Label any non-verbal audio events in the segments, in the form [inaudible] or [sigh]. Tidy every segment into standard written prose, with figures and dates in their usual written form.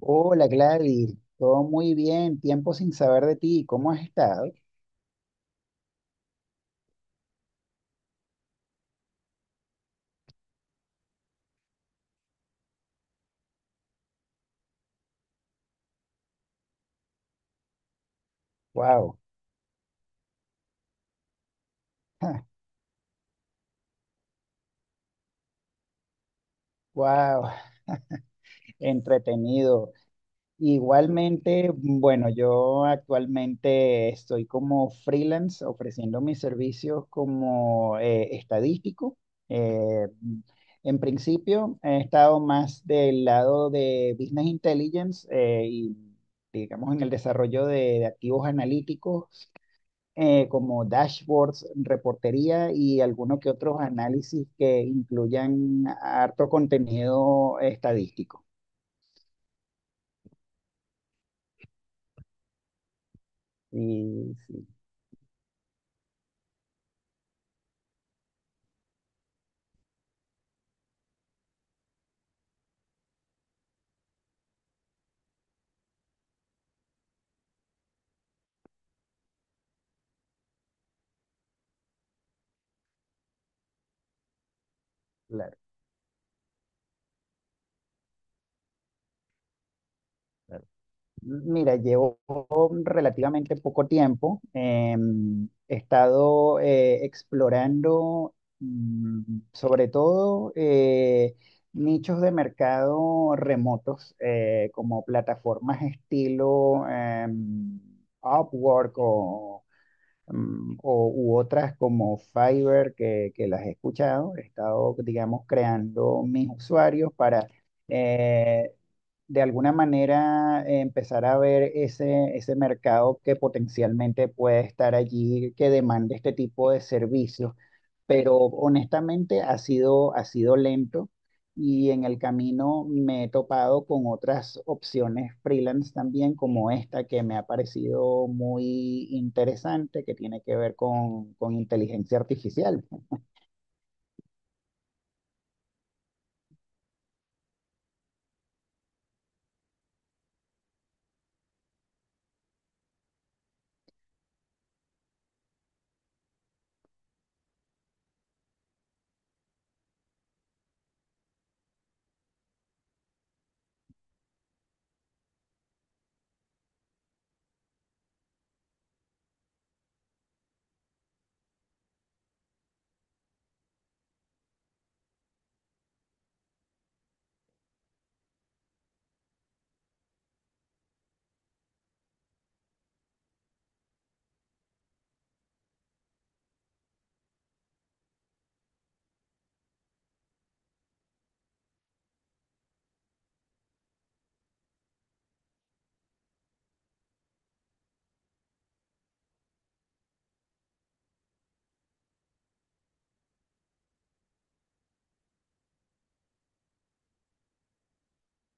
Hola Gladys, todo muy bien, tiempo sin saber de ti, ¿cómo has estado? Wow, wow, [laughs] entretenido. Igualmente, bueno, yo actualmente estoy como freelance ofreciendo mis servicios como estadístico. Eh, en principio he estado más del lado de Business Intelligence y digamos en el desarrollo de activos analíticos, como dashboards, reportería y algunos que otros análisis que incluyan harto contenido estadístico. Sí, sí, claro, claro. Mira, llevo relativamente poco tiempo. He estado explorando, mm, sobre todo nichos de mercado remotos, como plataformas estilo Upwork o u otras como Fiverr que las he escuchado. He estado, digamos, creando mis usuarios para eh, de alguna manera empezar a ver ese mercado que potencialmente puede estar allí, que demande este tipo de servicios. Pero honestamente ha sido lento y en el camino me he topado con otras opciones freelance también, como esta que me ha parecido muy interesante, que tiene que ver con inteligencia artificial.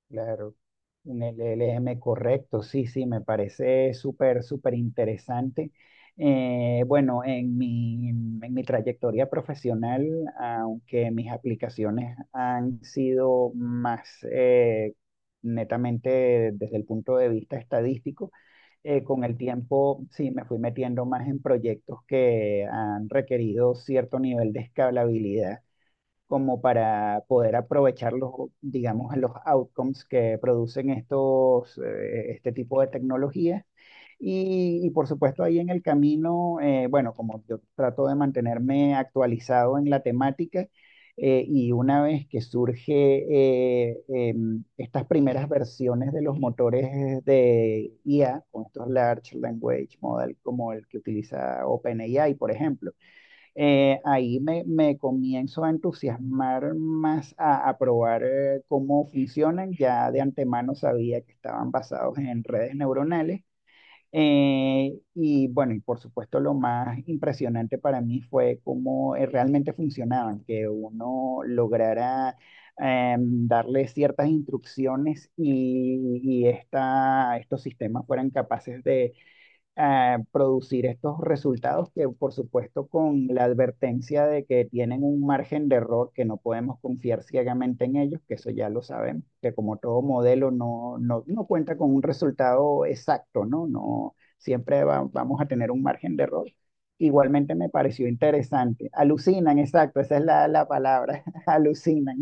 Claro, un LLM correcto, sí, sí, me parece súper, súper interesante. Bueno, en mi trayectoria profesional, aunque mis aplicaciones han sido más netamente desde el punto de vista estadístico, con el tiempo sí me fui metiendo más en proyectos que han requerido cierto nivel de escalabilidad como para poder aprovechar los, digamos, los outcomes que producen estos, este tipo de tecnologías. Y por supuesto ahí en el camino, bueno, como yo trato de mantenerme actualizado en la temática, y una vez que surge estas primeras versiones de los motores de IA, con estos Large Language Model como el que utiliza OpenAI, por ejemplo, ahí me comienzo a entusiasmar más a probar cómo funcionan. Ya de antemano sabía que estaban basados en redes neuronales. Y bueno, y por supuesto lo más impresionante para mí fue cómo realmente funcionaban, que uno lograra darle ciertas instrucciones y estos sistemas fueran capaces de a producir estos resultados que, por supuesto, con la advertencia de que tienen un margen de error, que no podemos confiar ciegamente en ellos, que eso ya lo sabemos, que como todo modelo no cuenta con un resultado exacto, ¿no? No, siempre vamos a tener un margen de error. Igualmente me pareció interesante. Alucinan, exacto, esa es la palabra, [laughs] alucinan.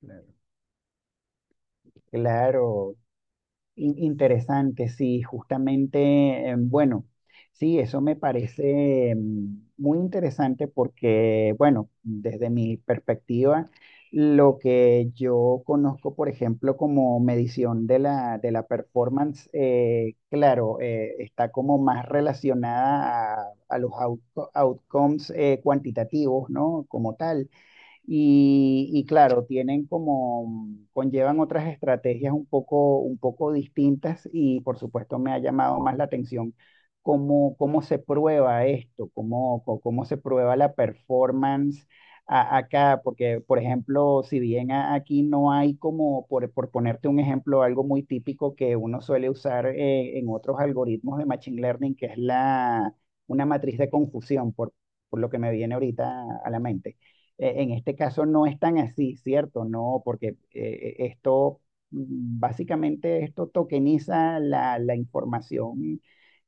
Claro. Claro, interesante, sí, justamente, bueno, sí, eso me parece muy interesante porque, bueno, desde mi perspectiva, lo que yo conozco, por ejemplo, como medición de de la performance, claro, está como más relacionada a los outcomes cuantitativos, ¿no? Como tal y claro, tienen como, conllevan otras estrategias un poco distintas y por supuesto me ha llamado más la atención cómo, cómo se prueba esto, cómo se prueba la performance acá, porque por ejemplo, si bien aquí no hay como, por ponerte un ejemplo, algo muy típico que uno suele usar en otros algoritmos de Machine Learning, que es una matriz de confusión, por lo que me viene ahorita a la mente. En este caso no es tan así, ¿cierto? No, porque esto, básicamente esto tokeniza la información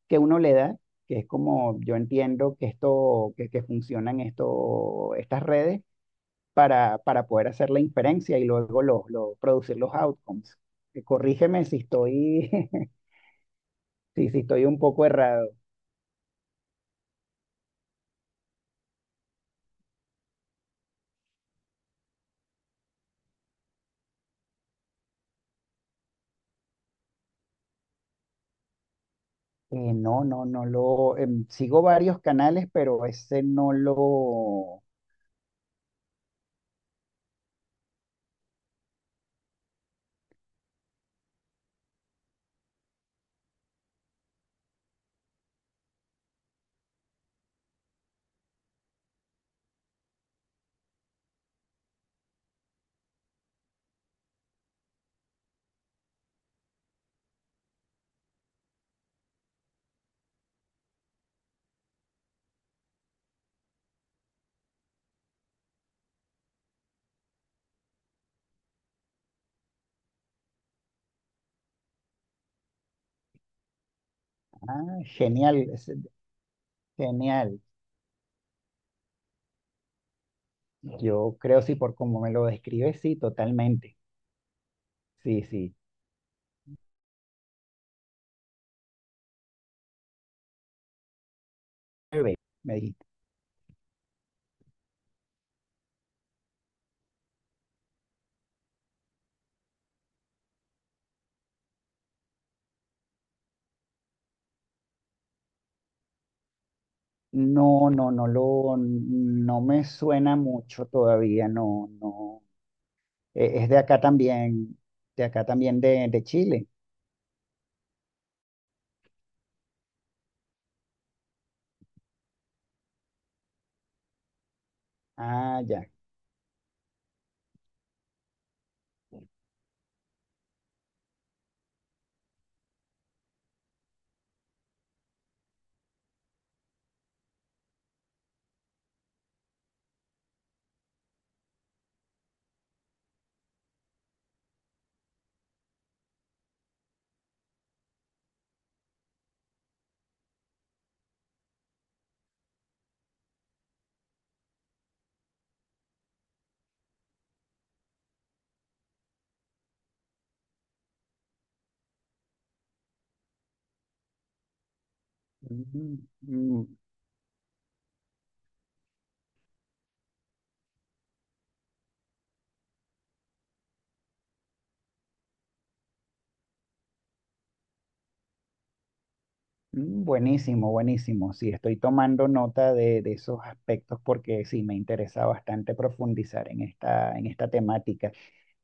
que uno le da, que es como yo entiendo que esto, que funcionan esto, estas redes para poder hacer la inferencia y luego producir los outcomes. Corrígeme si estoy, [laughs] si, si estoy un poco errado. No, sigo varios canales, pero ese no lo... Ah, genial. Genial. Yo creo sí, por como me lo describes, sí, totalmente. Sí, sí. Bebé, me dijiste. No, no me suena mucho todavía, no, no. Es de acá también, de acá también de Chile. Ah, ya. Mm, mm, mm, buenísimo, buenísimo. Sí, estoy tomando nota de esos aspectos porque sí, me interesa bastante profundizar en esta temática.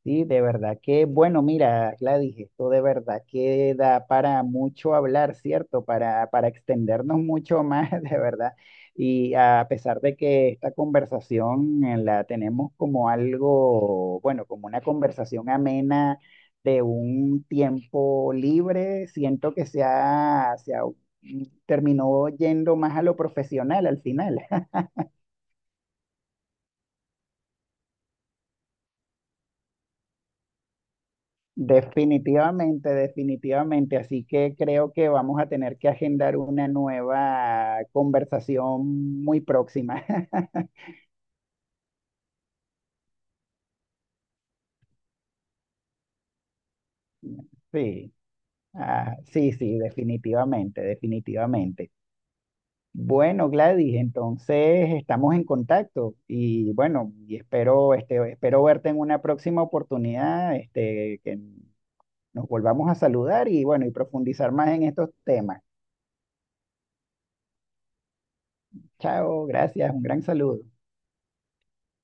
Sí, de verdad que, bueno, mira, Gladys, esto de verdad que da para mucho hablar, ¿cierto? Para extendernos mucho más, [laughs] de verdad. Y a pesar de que esta conversación la tenemos como algo, bueno, como una conversación amena de un tiempo libre, siento que terminó yendo más a lo profesional al final. Definitivamente, definitivamente. Así que creo que vamos a tener que agendar una nueva conversación muy próxima. [laughs] Sí, ah, sí, sí, definitivamente, definitivamente. Bueno, Gladys, entonces estamos en contacto y bueno, y espero, este, espero verte en una próxima oportunidad, este, que nos volvamos a saludar y bueno, y profundizar más en estos temas. Chao, gracias, un gran saludo.